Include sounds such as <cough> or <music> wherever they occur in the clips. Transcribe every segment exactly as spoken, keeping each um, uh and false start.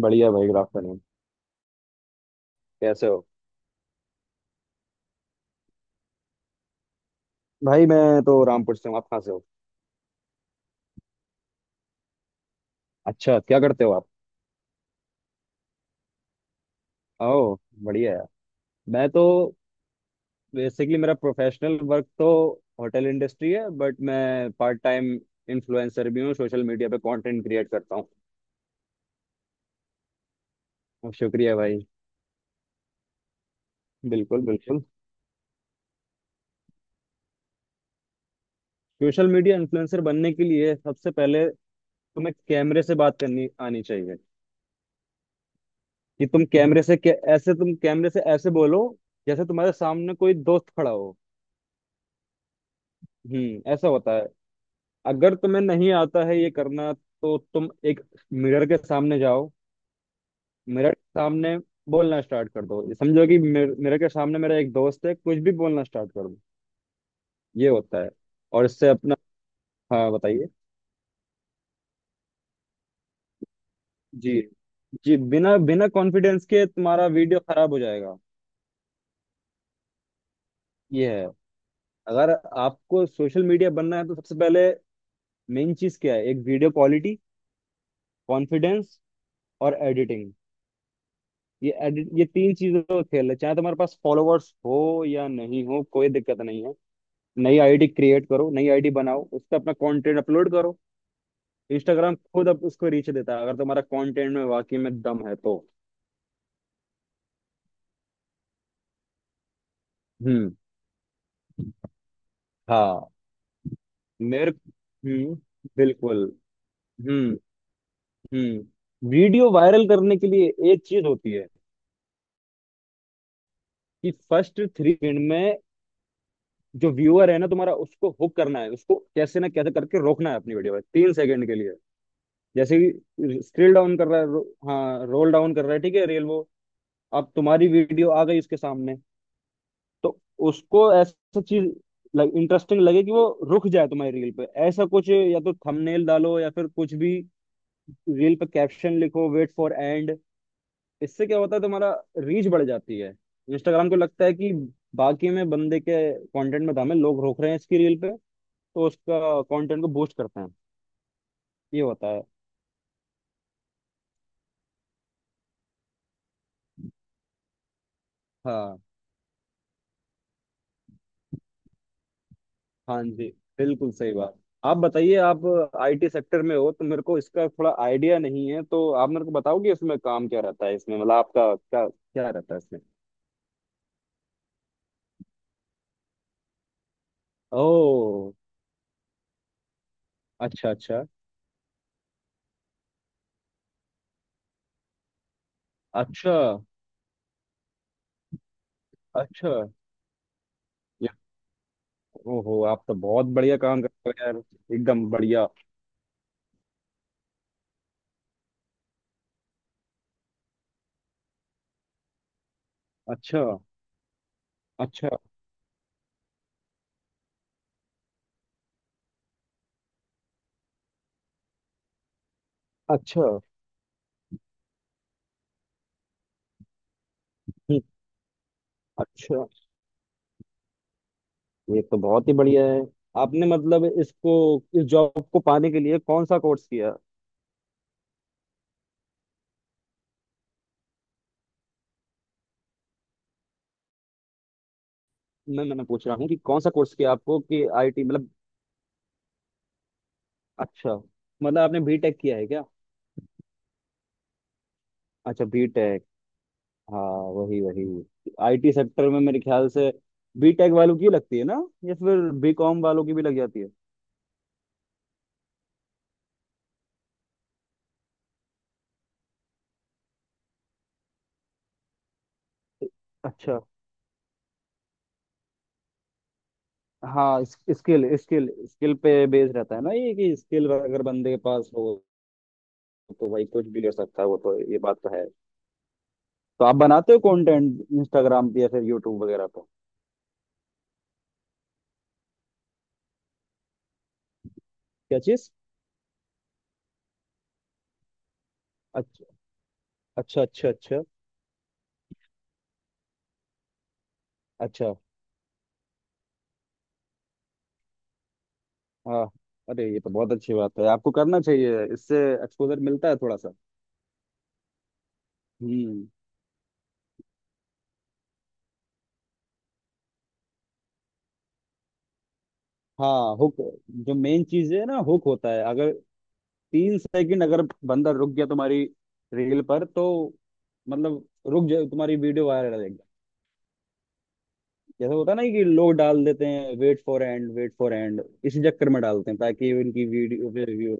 बढ़िया भाई, good afternoon. कैसे हो? भाई मैं तो रामपुर से हूँ, आप कहाँ से हो? अच्छा, क्या करते हो आप? ओह, बढ़िया यार। मैं तो बेसिकली मेरा प्रोफेशनल वर्क तो होटल इंडस्ट्री है, बट मैं पार्ट टाइम इन्फ्लुएंसर भी हूँ, सोशल मीडिया पे कंटेंट क्रिएट करता हूँ। और शुक्रिया भाई। बिल्कुल बिल्कुल, सोशल मीडिया इन्फ्लुएंसर बनने के लिए सबसे पहले तुम्हें कैमरे से बात करनी आनी चाहिए। कि तुम कैमरे से कै, ऐसे, तुम कैमरे से ऐसे बोलो जैसे तुम्हारे सामने कोई दोस्त खड़ा हो। हम्म, ऐसा होता है। अगर तुम्हें नहीं आता है ये करना तो तुम एक मिरर के सामने जाओ। मिरर के सामने बोलना स्टार्ट कर दो, ये समझो कि मिर, मिरर के सामने मेरा एक दोस्त है, कुछ भी बोलना स्टार्ट कर दो। ये होता है। और इससे अपना। हाँ बताइए। जी जी, बिना बिना कॉन्फिडेंस के तुम्हारा वीडियो खराब हो जाएगा। ये है। अगर आपको सोशल मीडिया बनना है तो सबसे पहले मेन चीज क्या है, एक वीडियो क्वालिटी, कॉन्फिडेंस और एडिटिंग। ये edit- ये तीन चीजों का खेल है। चाहे तुम्हारे पास फॉलोवर्स हो या नहीं हो, कोई दिक्कत नहीं है। नई आईडी क्रिएट करो, नई आईडी बनाओ, उस पर अपना कंटेंट अपलोड करो। इंस्टाग्राम खुद अब उसको रीच देता है अगर तुम्हारा कंटेंट में वाकई में दम है तो। हम्म। हाँ। मेरे हम्म बिल्कुल। हम्म। हम्म, वीडियो वायरल करने के लिए एक चीज होती है कि फर्स्ट थ्री सेकंड में जो व्यूअर है ना तुम्हारा, उसको हुक करना है। उसको कैसे ना कैसे करके रोकना है अपनी वीडियो में तीन सेकंड के लिए। जैसे कि स्क्रिल डाउन कर रहा है, रो, हाँ, रोल डाउन कर रहा है, ठीक है, रेल वो, अब तुम्हारी वीडियो आ गई उसके सामने। तो उसको ऐसा चीज लाइक इंटरेस्टिंग लगे कि वो रुक जाए तुम्हारी रील पे। ऐसा कुछ या तो थंबनेल डालो या फिर कुछ भी, रील पे कैप्शन लिखो, वेट फॉर एंड। इससे क्या होता है, तुम्हारा रीच बढ़ जाती है। इंस्टाग्राम को लगता है कि बाकी में बंदे के कंटेंट में दम है, लोग रोक रहे हैं इसकी रील पे, तो उसका कंटेंट को बूस्ट करते हैं। ये होता है। हाँ। हाँ जी, बिल्कुल सही बात। आप बताइए, आप आईटी सेक्टर में हो तो मेरे को इसका थोड़ा आइडिया नहीं है, तो आप मेरे को बताओगे इसमें काम क्या रहता है, इसमें मतलब आपका क्या क्या रहता है इसमें। ओ, अच्छा अच्छा अच्छा। अच्छा। या- ओहो, आप तो बहुत बढ़िया काम कर रहे हो यार, एकदम बढ़िया। अच्छा अच्छा अच्छा। हम्म, अच्छा। ये तो बहुत ही बढ़िया है। आपने मतलब इसको, इस जॉब को पाने के लिए कौन सा कोर्स किया? मैं मैंने पूछ रहा हूँ कि कौन सा कोर्स किया आपको, कि आईटी मतलब। अच्छा। मतलब आपने बीटेक किया है क्या? अच्छा, बीटेक। हाँ, वही वही। आईटी सेक्टर में मेरे ख्याल से बीटेक वालों की लगती है ना, या फिर बीकॉम वालों की भी लग जाती है। अच्छा। हाँ, स्किल, स्किल, स्किल पे बेस रहता है ना, ये कि स्किल अगर बंदे के पास हो तो भाई कुछ भी कर सकता है वो तो, ये बात तो है। तो आप बनाते हो कंटेंट इंस्टाग्राम पे या फिर यूट्यूब वगैरह पे? क्या चीज? अच्छा अच्छा अच्छा। अच्छा। अच्छा। हाँ। अरे ये तो बहुत अच्छी बात है, आपको करना चाहिए, इससे एक्सपोजर मिलता है थोड़ा सा। हम्म। हाँ, हुक, जो मेन चीज है ना, हुक होता है। अगर तीन सेकंड अगर बंदा रुक गया तुम्हारी रील पर तो मतलब, रुक जाए, तुम्हारी वीडियो वायरल हो जाएगी। जैसे होता है ना कि लोग डाल देते हैं wait for end, wait for end, इसी चक्कर में डालते हैं ताकि उनकी वीडियो पे व्यू।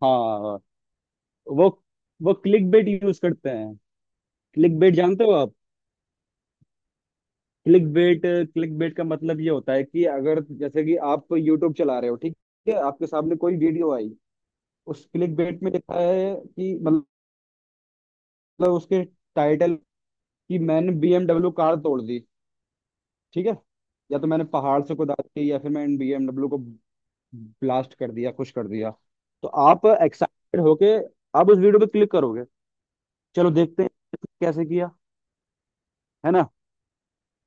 हाँ। वो वो क्लिक बेट यूज करते हैं। क्लिक बेट जानते हो आप? क्लिक बेट, क्लिक बेट का मतलब ये होता है कि अगर जैसे कि आप यूट्यूब चला रहे हो, ठीक है, आपके सामने कोई वीडियो आई, उस क्लिक बेट में लिखा है कि मतलब उसके टाइटल, कि मैंने बी एम डब्ल्यू कार तोड़ दी, ठीक है, या तो मैंने पहाड़ से कुदा दी या फिर मैंने बी एम डब्ल्यू को ब्लास्ट कर दिया, खुश कर दिया। तो आप एक्साइटेड होके आप उस वीडियो पे क्लिक करोगे, चलो देखते हैं कैसे किया, है ना।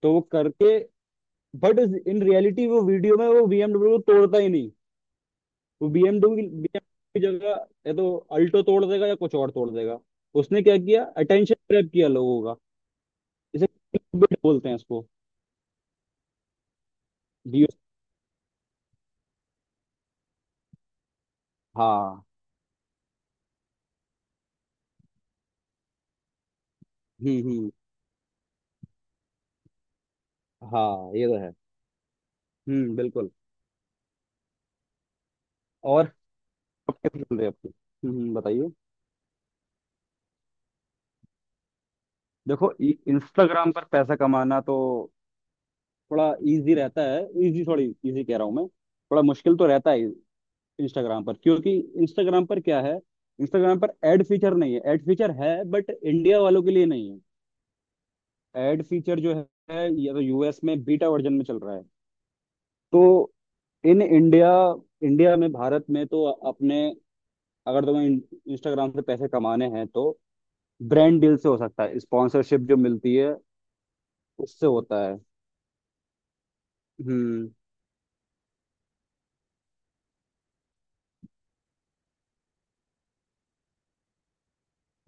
तो वो करके, बट इन रियलिटी वो वीडियो में वो बी एम डब्ल्यू को तोड़ता ही नहीं। वो बीएमडब्ल्यू की B M W की जगह या तो अल्टो तोड़ देगा या कुछ और तोड़ देगा। उसने क्या किया, अटेंशन ग्रैब किया लोगों का। इसे clickbait बोलते हैं इसको। व्यू। हाँ। हम्म। हम्म। हाँ ये तो है। हम्म, बिल्कुल। और आप कैसे चल रहे हैं आपके? हम्म हम्म, बताइए। देखो, इंस्टाग्राम पर पैसा कमाना तो थोड़ा इजी रहता है। इजी, थोड़ी इजी कह रहा हूँ मैं, थोड़ा मुश्किल तो रहता है इंस्टाग्राम पर, क्योंकि इंस्टाग्राम पर क्या है, इंस्टाग्राम पर एड फीचर नहीं है। एड फीचर है बट इंडिया वालों के लिए नहीं है। एड फीचर जो है या तो यूएस में बीटा वर्जन में चल रहा है। तो इन इंडिया, इंडिया में, भारत में तो अपने, अगर तुम्हें इंस्टाग्राम से पैसे कमाने हैं तो ब्रांड डील से हो सकता है, स्पॉन्सरशिप जो मिलती है उससे होता है। हम्म।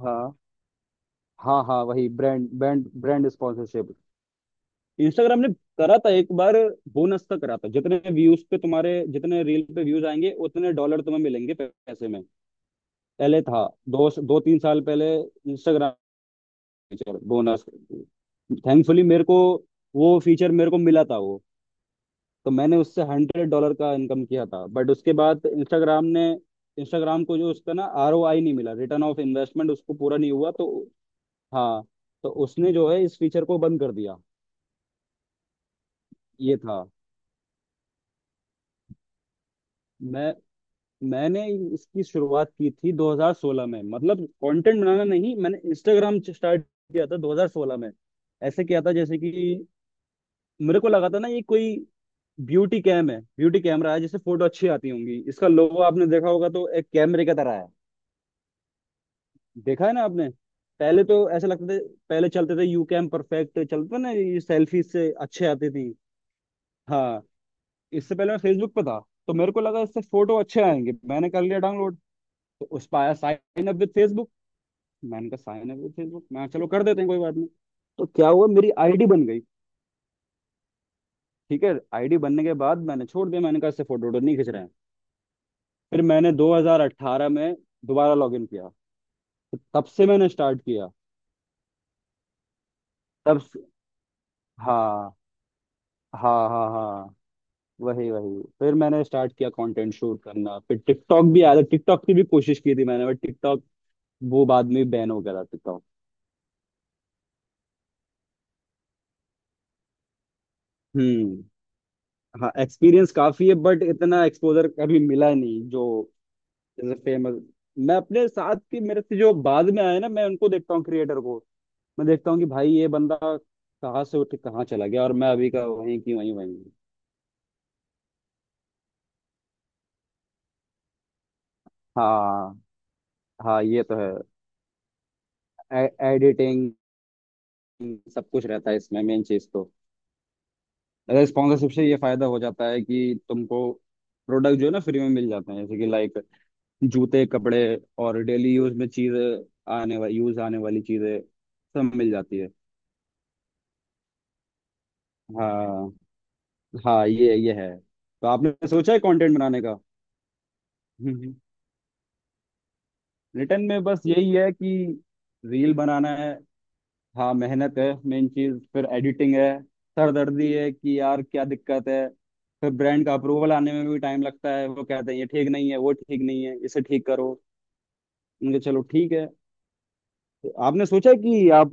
हाँ हाँ, हाँ वही, brand, brand, brand sponsorship. Instagram ने करा था एक बार, बोनस का करा था, जितने व्यूज पे तुम्हारे, जितने रील पे व्यूज आएंगे उतने डॉलर तुम्हें मिलेंगे पैसे में। पहले था, दो दो तीन साल पहले फीचर, बोनस, थैंकफुली मेरे को वो फीचर मेरे को मिला था वो। तो मैंने उससे हंड्रेड डॉलर का इनकम किया था। बट उसके बाद इंस्टाग्राम ने, इंस्टाग्राम को जो उसका ना आर ओ आई नहीं मिला, रिटर्न ऑफ इन्वेस्टमेंट उसको पूरा नहीं हुआ तो, हाँ, तो उसने जो है इस फीचर को बंद कर दिया। ये था। मैं मैंने इसकी शुरुआत की थी दो हज़ार सोलह में, मतलब कंटेंट बनाना नहीं, मैंने इंस्टाग्राम स्टार्ट किया था दो हज़ार सोलह में। ऐसे किया था जैसे कि मेरे को लगा था ना ये कोई ब्यूटी कैम है, ब्यूटी कैमरा है जिससे फोटो अच्छी आती होंगी, इसका लोगो आपने देखा होगा तो एक कैमरे की तरह है। देखा है ना आपने? पहले तो ऐसा लगता था, पहले चलते थे यू कैम परफेक्ट, चलते थे ना ये, सेल्फी से अच्छे आती थी। हाँ, इससे पहले मैं फेसबुक पे था, तो मेरे को लगा इससे फोटो अच्छे आएंगे, मैंने कर लिया डाउनलोड। तो उस पर आया साइन अप विद फेसबुक, मैंने कहा साइन अप विद फेसबुक, मैं चलो कर देते हैं, कोई बात नहीं। तो क्या हुआ, मेरी आईडी बन गई। ठीक है, आईडी बनने के बाद मैंने छोड़ दिया, मैंने कहा इससे फोटो वोटो नहीं खींच रहे हैं। फिर मैंने दो हज़ार अठारह में दोबारा लॉगिन किया, तो तब से मैंने स्टार्ट किया। तब से, हाँ हाँ हाँ। हाँ, वही वही, फिर मैंने स्टार्ट किया कंटेंट शूट करना। फिर टिकटॉक भी आया था, टिकटॉक की भी कोशिश की थी मैंने, बट टिकटॉक वो बाद में बैन हो गया था टिकटॉक। हम्म। हाँ, एक्सपीरियंस काफी है बट इतना एक्सपोजर कभी मिला नहीं, जो जैसे फेमस, मैं अपने साथ के, मेरे से जो बाद में आए ना, मैं उनको देखता हूँ क्रिएटर को, मैं देखता हूँ कि भाई ये बंदा कहाँ से उठ के कहाँ चला गया, और मैं अभी का वहीं की वहीं वहीं हूँ। हाँ। हाँ ये तो है, एडिटिंग, सब कुछ रहता है इसमें, मेन चीज तो स्पॉन्सरशिप से ये फायदा हो जाता है कि तुमको प्रोडक्ट जो है ना फ्री में मिल जाते हैं, जैसे कि लाइक जूते, कपड़े, और डेली यूज में चीजें आने वाली, यूज आने वाली चीजें सब मिल जाती है। हाँ। हाँ ये ये है। तो आपने सोचा है कंटेंट बनाने का? <laughs> हम्म, रिटर्न में बस यही है कि रील बनाना है। हाँ, मेहनत है, मेन चीज फिर एडिटिंग है, सरदर्दी है कि यार क्या दिक्कत है, फिर ब्रांड का अप्रूवल आने में भी टाइम लगता है, वो कहते हैं ये ठीक नहीं है, वो ठीक नहीं है, इसे ठीक करो, उनके, चलो ठीक है। तो आपने सोचा कि आप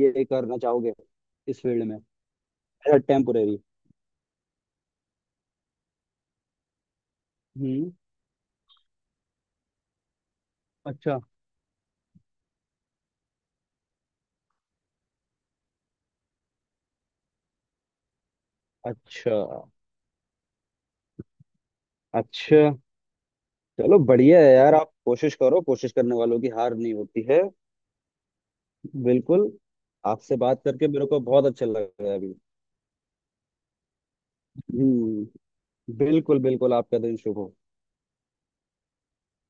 ये करना चाहोगे इस फील्ड में, एज टेम्पोरेरी? हम्म, अच्छा अच्छा अच्छा। चलो, बढ़िया है यार, आप कोशिश करो, कोशिश करने वालों की हार नहीं होती है। बिल्कुल। आपसे बात करके मेरे को बहुत अच्छा लगा अभी। हम्म, बिल्कुल बिल्कुल, आपका दिन शुभ हो।